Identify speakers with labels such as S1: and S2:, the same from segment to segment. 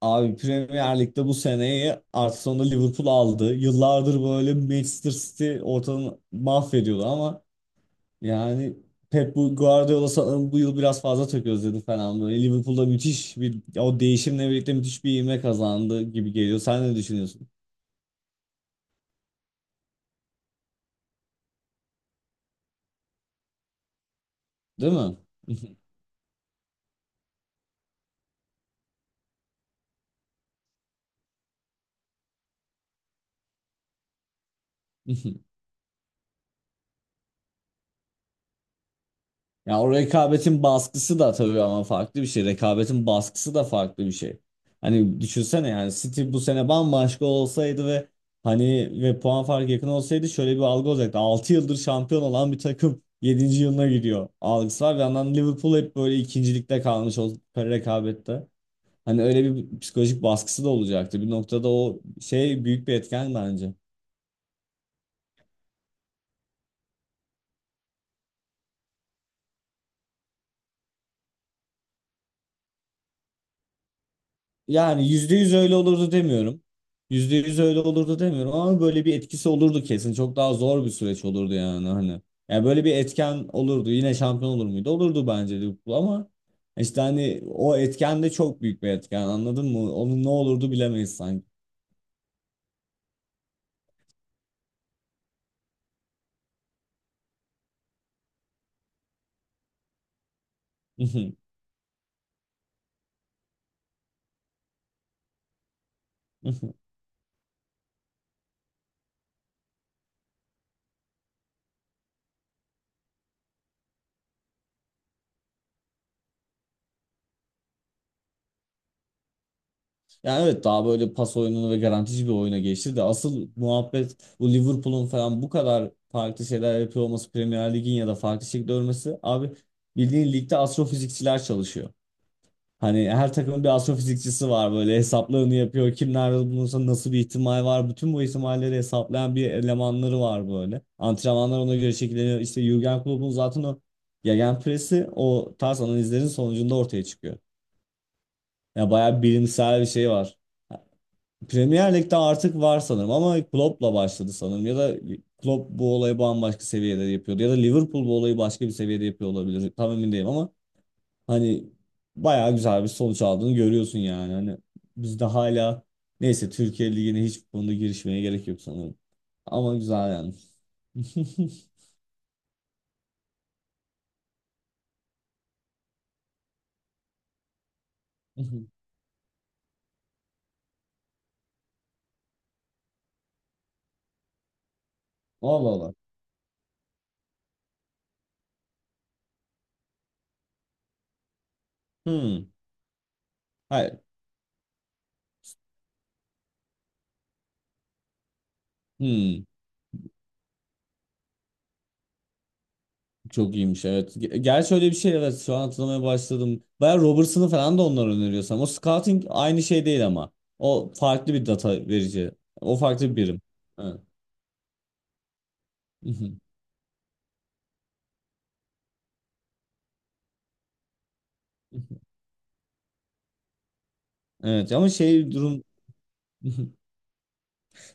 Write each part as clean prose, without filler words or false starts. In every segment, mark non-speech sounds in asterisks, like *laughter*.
S1: Abi Premier Lig'de bu seneyi artık sonunda Liverpool aldı. Yıllardır böyle Manchester City ortalığı mahvediyordu ama yani Pep Guardiola sanırım bu yıl biraz fazla tök özledi falan böyle. Liverpool'da müthiş bir o değişimle birlikte müthiş bir ivme kazandı gibi geliyor. Sen ne düşünüyorsun? Değil mi? *laughs* Ya o rekabetin baskısı da tabii ama farklı bir şey. Rekabetin baskısı da farklı bir şey. Hani düşünsene yani City bu sene bambaşka olsaydı ve hani ve puan farkı yakın olsaydı şöyle bir algı olacaktı. 6 yıldır şampiyon olan bir takım yedinci yılına gidiyor algısı var. Bir yandan Liverpool hep böyle ikincilikte kalmış o rekabette. Hani öyle bir psikolojik baskısı da olacaktı. Bir noktada o şey büyük bir etken bence. Yani yüzde yüz öyle olurdu demiyorum. Yüzde yüz öyle olurdu demiyorum ama böyle bir etkisi olurdu kesin. Çok daha zor bir süreç olurdu yani hani. Yani böyle bir etken olurdu. Yine şampiyon olur muydu? Olurdu bence Liverpool ama işte hani o etken de çok büyük bir etken, anladın mı? Onun ne olurdu bilemeyiz sanki. *laughs* Yani evet, daha böyle pas oyununu ve garantici bir oyuna geçti de asıl muhabbet bu Liverpool'un falan bu kadar farklı şeyler yapıyor olması Premier Lig'in ya da farklı şekilde ölmesi abi. Bildiğin ligde astrofizikçiler çalışıyor. Hani her takımın bir astrofizikçisi var, böyle hesaplarını yapıyor. Kim nerede bulunursa nasıl bir ihtimal var. Bütün bu ihtimalleri hesaplayan bir elemanları var böyle. Antrenmanlar ona göre şekilleniyor. İşte Jürgen Klopp'un zaten o gegenpressi o tarz analizlerin sonucunda ortaya çıkıyor. Yani bayağı bilimsel bir şey var. Premier Lig'de artık var sanırım ama Klopp'la başladı sanırım. Ya da Klopp bu olayı bambaşka seviyede yapıyordu. Ya da Liverpool bu olayı başka bir seviyede yapıyor olabilir. Tam emin değilim ama hani bayağı güzel bir sonuç aldığını görüyorsun yani. Hani biz de hala, neyse, Türkiye Ligi'ne hiç bu konuda girişmeye gerek yok sanırım. Ama güzel yani. *laughs* Allah Allah. Hmm. Hayır. Hmm. Çok iyiymiş, evet. Gerçi öyle bir şey, evet, şu an hatırlamaya başladım. Bayağı Robertson'ı falan da onlar öneriyor sanırım. O scouting aynı şey değil ama. O farklı bir data verici. O farklı bir birim. Evet. *laughs* Evet ama şey durum *laughs*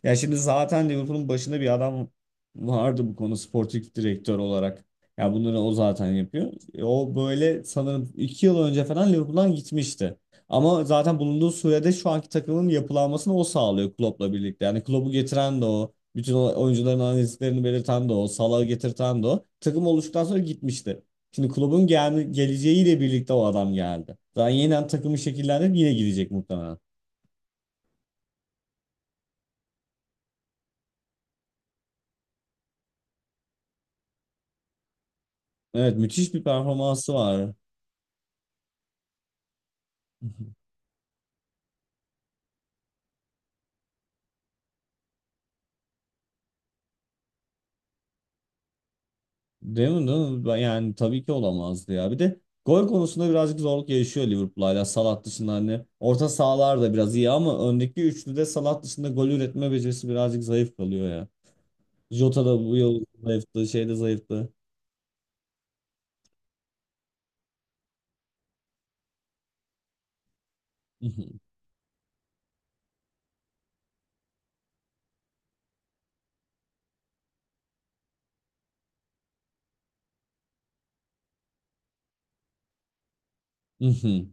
S1: ya şimdi zaten Liverpool'un başında bir adam vardı bu konu sportif direktör olarak. Ya bunları o zaten yapıyor. O böyle sanırım 2 yıl önce falan Liverpool'dan gitmişti. Ama zaten bulunduğu sürede şu anki takımın yapılanmasını o sağlıyor Klopp'la birlikte. Yani Klopp'u getiren de o. Bütün o oyuncuların analizlerini belirten de o. Salah'ı getirten de o. Takım oluştuktan sonra gitmişti. Şimdi Klopp'un geleceğiyle birlikte o adam geldi. Daha yeniden takımı şekillendirip yine gidecek muhtemelen. Evet, müthiş bir performansı var. *laughs* Değil mi, değil mi? Yani tabii ki olamazdı ya. Bir de gol konusunda birazcık zorluk yaşıyor Liverpool, hala Salah dışında hani. Orta sahalar da biraz iyi ama öndeki üçlüde Salah dışında gol üretme becerisi birazcık zayıf kalıyor ya. Jota da bu yıl zayıftı, şey de zayıftı. Mhm, mhm.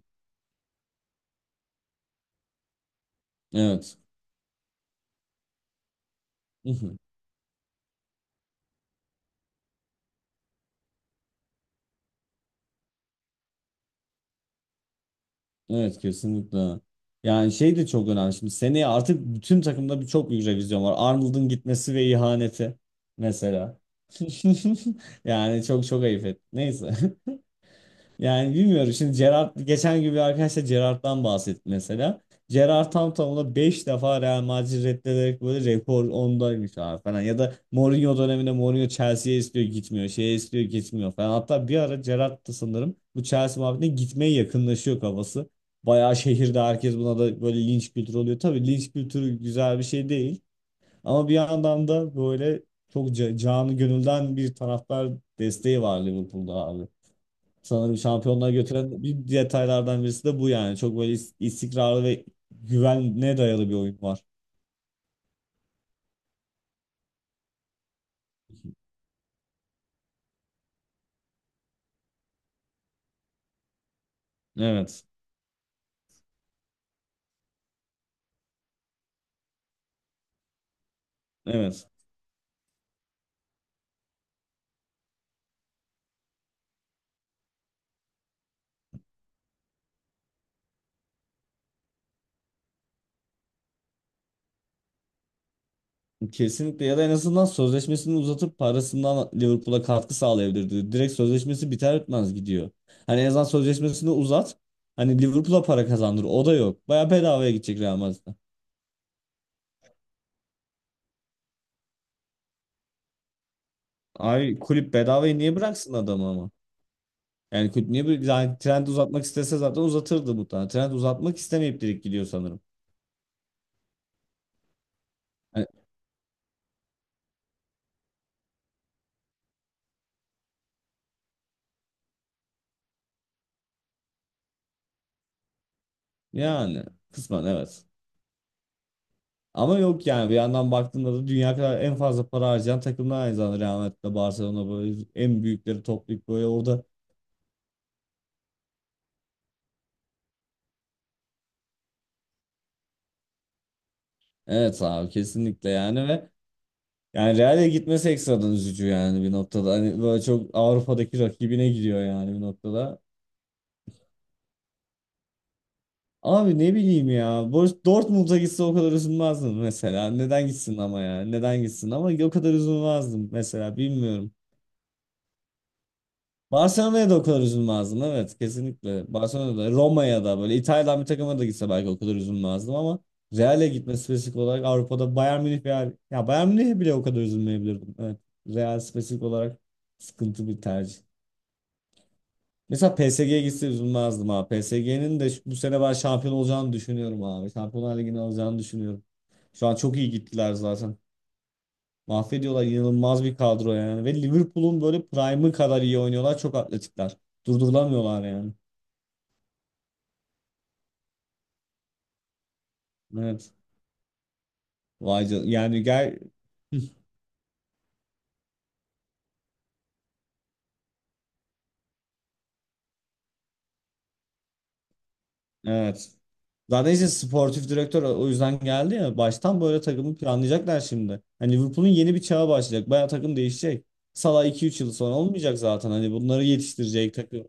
S1: Evet. Mhm. Evet, kesinlikle. Yani şey de çok önemli şimdi. Seneye artık bütün takımda bir çok büyük revizyon var. Arnold'un gitmesi ve ihaneti mesela. *laughs* Yani çok çok ayıp et. Neyse. *laughs* Yani bilmiyorum. Şimdi Gerrard, geçen gün bir arkadaşla Gerrard'dan bahsetti mesela. Gerrard tam tamına 5 defa Real Madrid reddederek böyle rekor ondaymış abi falan. Ya da Mourinho döneminde Mourinho Chelsea'ye istiyor gitmiyor. Şeye istiyor gitmiyor falan. Hatta bir ara Gerrard da sanırım bu Chelsea muhabbetine gitmeye yakınlaşıyor kafası. Bayağı şehirde herkes buna da böyle linç kültürü oluyor. Tabii linç kültürü güzel bir şey değil. Ama bir yandan da böyle çok canı gönülden bir taraftar desteği var Liverpool'da abi. Sanırım şampiyonluğa götüren bir detaylardan birisi de bu yani. Çok böyle istikrarlı ve güvene dayalı bir oyun var. Evet. Evet. Kesinlikle, ya da en azından sözleşmesini uzatıp parasından Liverpool'a katkı sağlayabilirdi. Direkt sözleşmesi biter bitmez gidiyor. Hani en azından sözleşmesini uzat. Hani Liverpool'a para kazandır. O da yok. Baya bedavaya gidecek Real Madrid'e. Ay kulüp bedavaya niye bıraksın adamı ama? Yani kulüp niye bir, yani Trent uzatmak istese zaten uzatırdı muhtemelen. Trent uzatmak istemeyip direkt gidiyor sanırım. Yani kısmen evet. Ama yok yani bir yandan baktığında da dünya kadar en fazla para harcayan takımlar aynı zamanda Real Madrid'de Barcelona, böyle en büyükleri toplayıp böyle orada. Evet abi, kesinlikle yani. Ve yani Real'e gitmesi ekstradan üzücü yani bir noktada. Hani böyle çok Avrupa'daki rakibine gidiyor yani bir noktada. Abi ne bileyim ya, Dortmund'a gitse o kadar üzülmezdim mesela. Neden gitsin ama ya? Neden gitsin ama o kadar üzülmezdim mesela, bilmiyorum. Barcelona'ya da o kadar üzülmezdim evet, kesinlikle. Barcelona'da Roma'ya da böyle İtalya'dan bir takıma da gitse belki o kadar üzülmezdim ama Real'e gitmesi spesifik olarak, Avrupa'da Bayern Münih veya ya Bayern Münih'e bile o kadar üzülmeyebilirdim. Evet. Real spesifik olarak sıkıntı bir tercih. Mesela PSG'ye gitse üzülmezdim ha. PSG'nin de bu sene ben şampiyon olacağını düşünüyorum abi. Şampiyonlar Ligi'ni alacağını düşünüyorum. Şu an çok iyi gittiler zaten. Mahvediyorlar, inanılmaz bir kadro yani. Ve Liverpool'un böyle prime'ı kadar iyi oynuyorlar. Çok atletikler. Durdurulamıyorlar yani. Evet. Vay yani gel *laughs* evet. Zaten işte sportif direktör o yüzden geldi ya. Baştan böyle takımı planlayacaklar şimdi. Hani Liverpool'un yeni bir çağı başlayacak. Bayağı takım değişecek. Salah iki üç yıl sonra olmayacak zaten. Hani bunları yetiştirecek takım.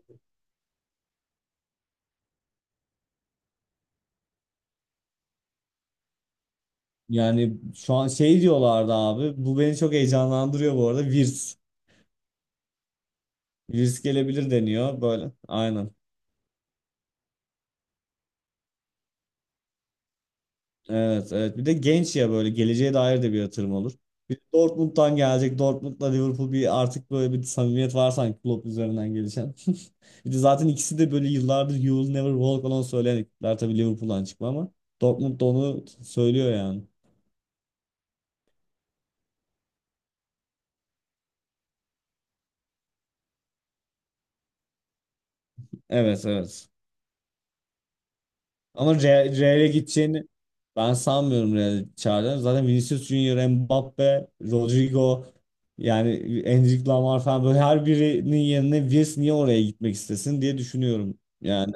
S1: Yani şu an şey diyorlardı abi. Bu beni çok heyecanlandırıyor bu arada. Virs. Virs gelebilir deniyor böyle. Aynen. Evet, evet. Bir de genç ya, böyle geleceğe dair de bir yatırım olur. Bir de Dortmund'dan gelecek. Dortmund'la Liverpool bir artık böyle bir samimiyet var sanki, Klopp üzerinden gelişen. *laughs* Bir de zaten ikisi de böyle yıllardır You Will Never Walk Alone söyleyen ekipler, tabii Liverpool'dan çıkma ama Dortmund da onu söylüyor yani. Evet, evet. Ama Real'e gideceğini ben sanmıyorum, Real'e çağıracağını. Zaten Vinicius Junior, Mbappe, Rodrigo yani Endrick Lamar falan, böyle her birinin yerine Vinicius niye oraya gitmek istesin diye düşünüyorum. Yani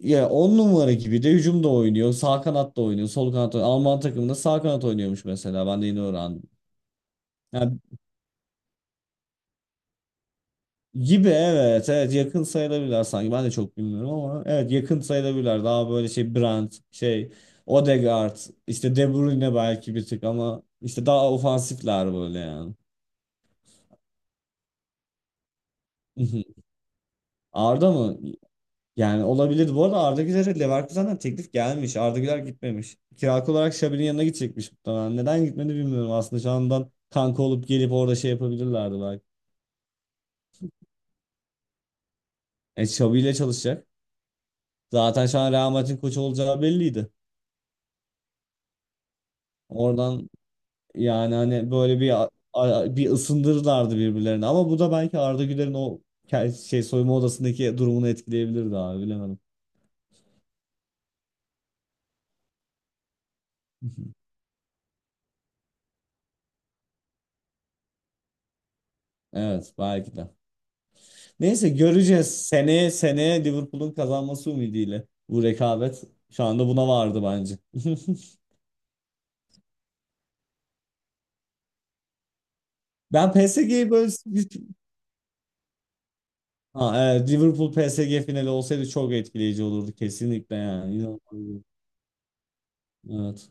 S1: ya on numara gibi de hücumda oynuyor. Sağ kanatta oynuyor. Sol kanatta oynuyor. Alman takımında sağ kanat oynuyormuş mesela. Ben de yeni öğrendim. Yani gibi, evet evet, yakın sayılabilirler sanki, ben de çok bilmiyorum ama evet yakın sayılabilirler, daha böyle şey Brandt, şey Odegaard, işte De Bruyne belki bir tık, ama işte daha ofansifler böyle yani. *laughs* Mhm. Arda mı? Yani olabilir. Bu arada Arda Güler'e Leverkusen'den teklif gelmiş. Arda Güler gitmemiş. Kiralık olarak Xabi'nin yanına gidecekmiş muhtemelen. Neden gitmedi bilmiyorum aslında. Şu andan kanka olup gelip orada şey yapabilirlerdi belki. Xabi ile çalışacak. Zaten şu an Real Madrid'in koçu olacağı belliydi. Oradan, yani hani böyle bir bir ısındırırlardı birbirlerini. Ama bu da belki Arda Güler'in o şey soyunma odasındaki durumunu etkileyebilirdi abi, bilemedim. Evet, belki de. Neyse göreceğiz. Seneye Liverpool'un kazanması ümidiyle. Bu rekabet şu anda buna vardı bence. *laughs* Ben PSG'yi böyle ha, evet, Liverpool PSG finali olsaydı çok etkileyici olurdu kesinlikle yani. İnanılmaz. Evet.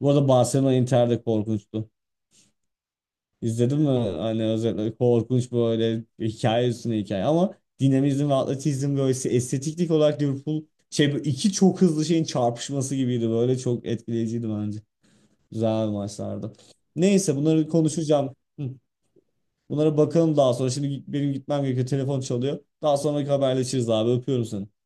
S1: Bu arada Barcelona Inter de korkunçtu. İzledin mi? Hani özellikle korkunç, böyle hikaye üstüne hikaye, ama dinamizm ve atletizm, böyle estetiklik olarak Liverpool şey, bu iki çok hızlı şeyin çarpışması gibiydi böyle, çok etkileyiciydi bence. Güzel maçlardı. Neyse bunları konuşacağım. Hı. Bunlara bakalım daha sonra. Şimdi benim gitmem gerekiyor. Telefon çalıyor. Daha sonraki haberleşiriz abi. Öpüyorum seni.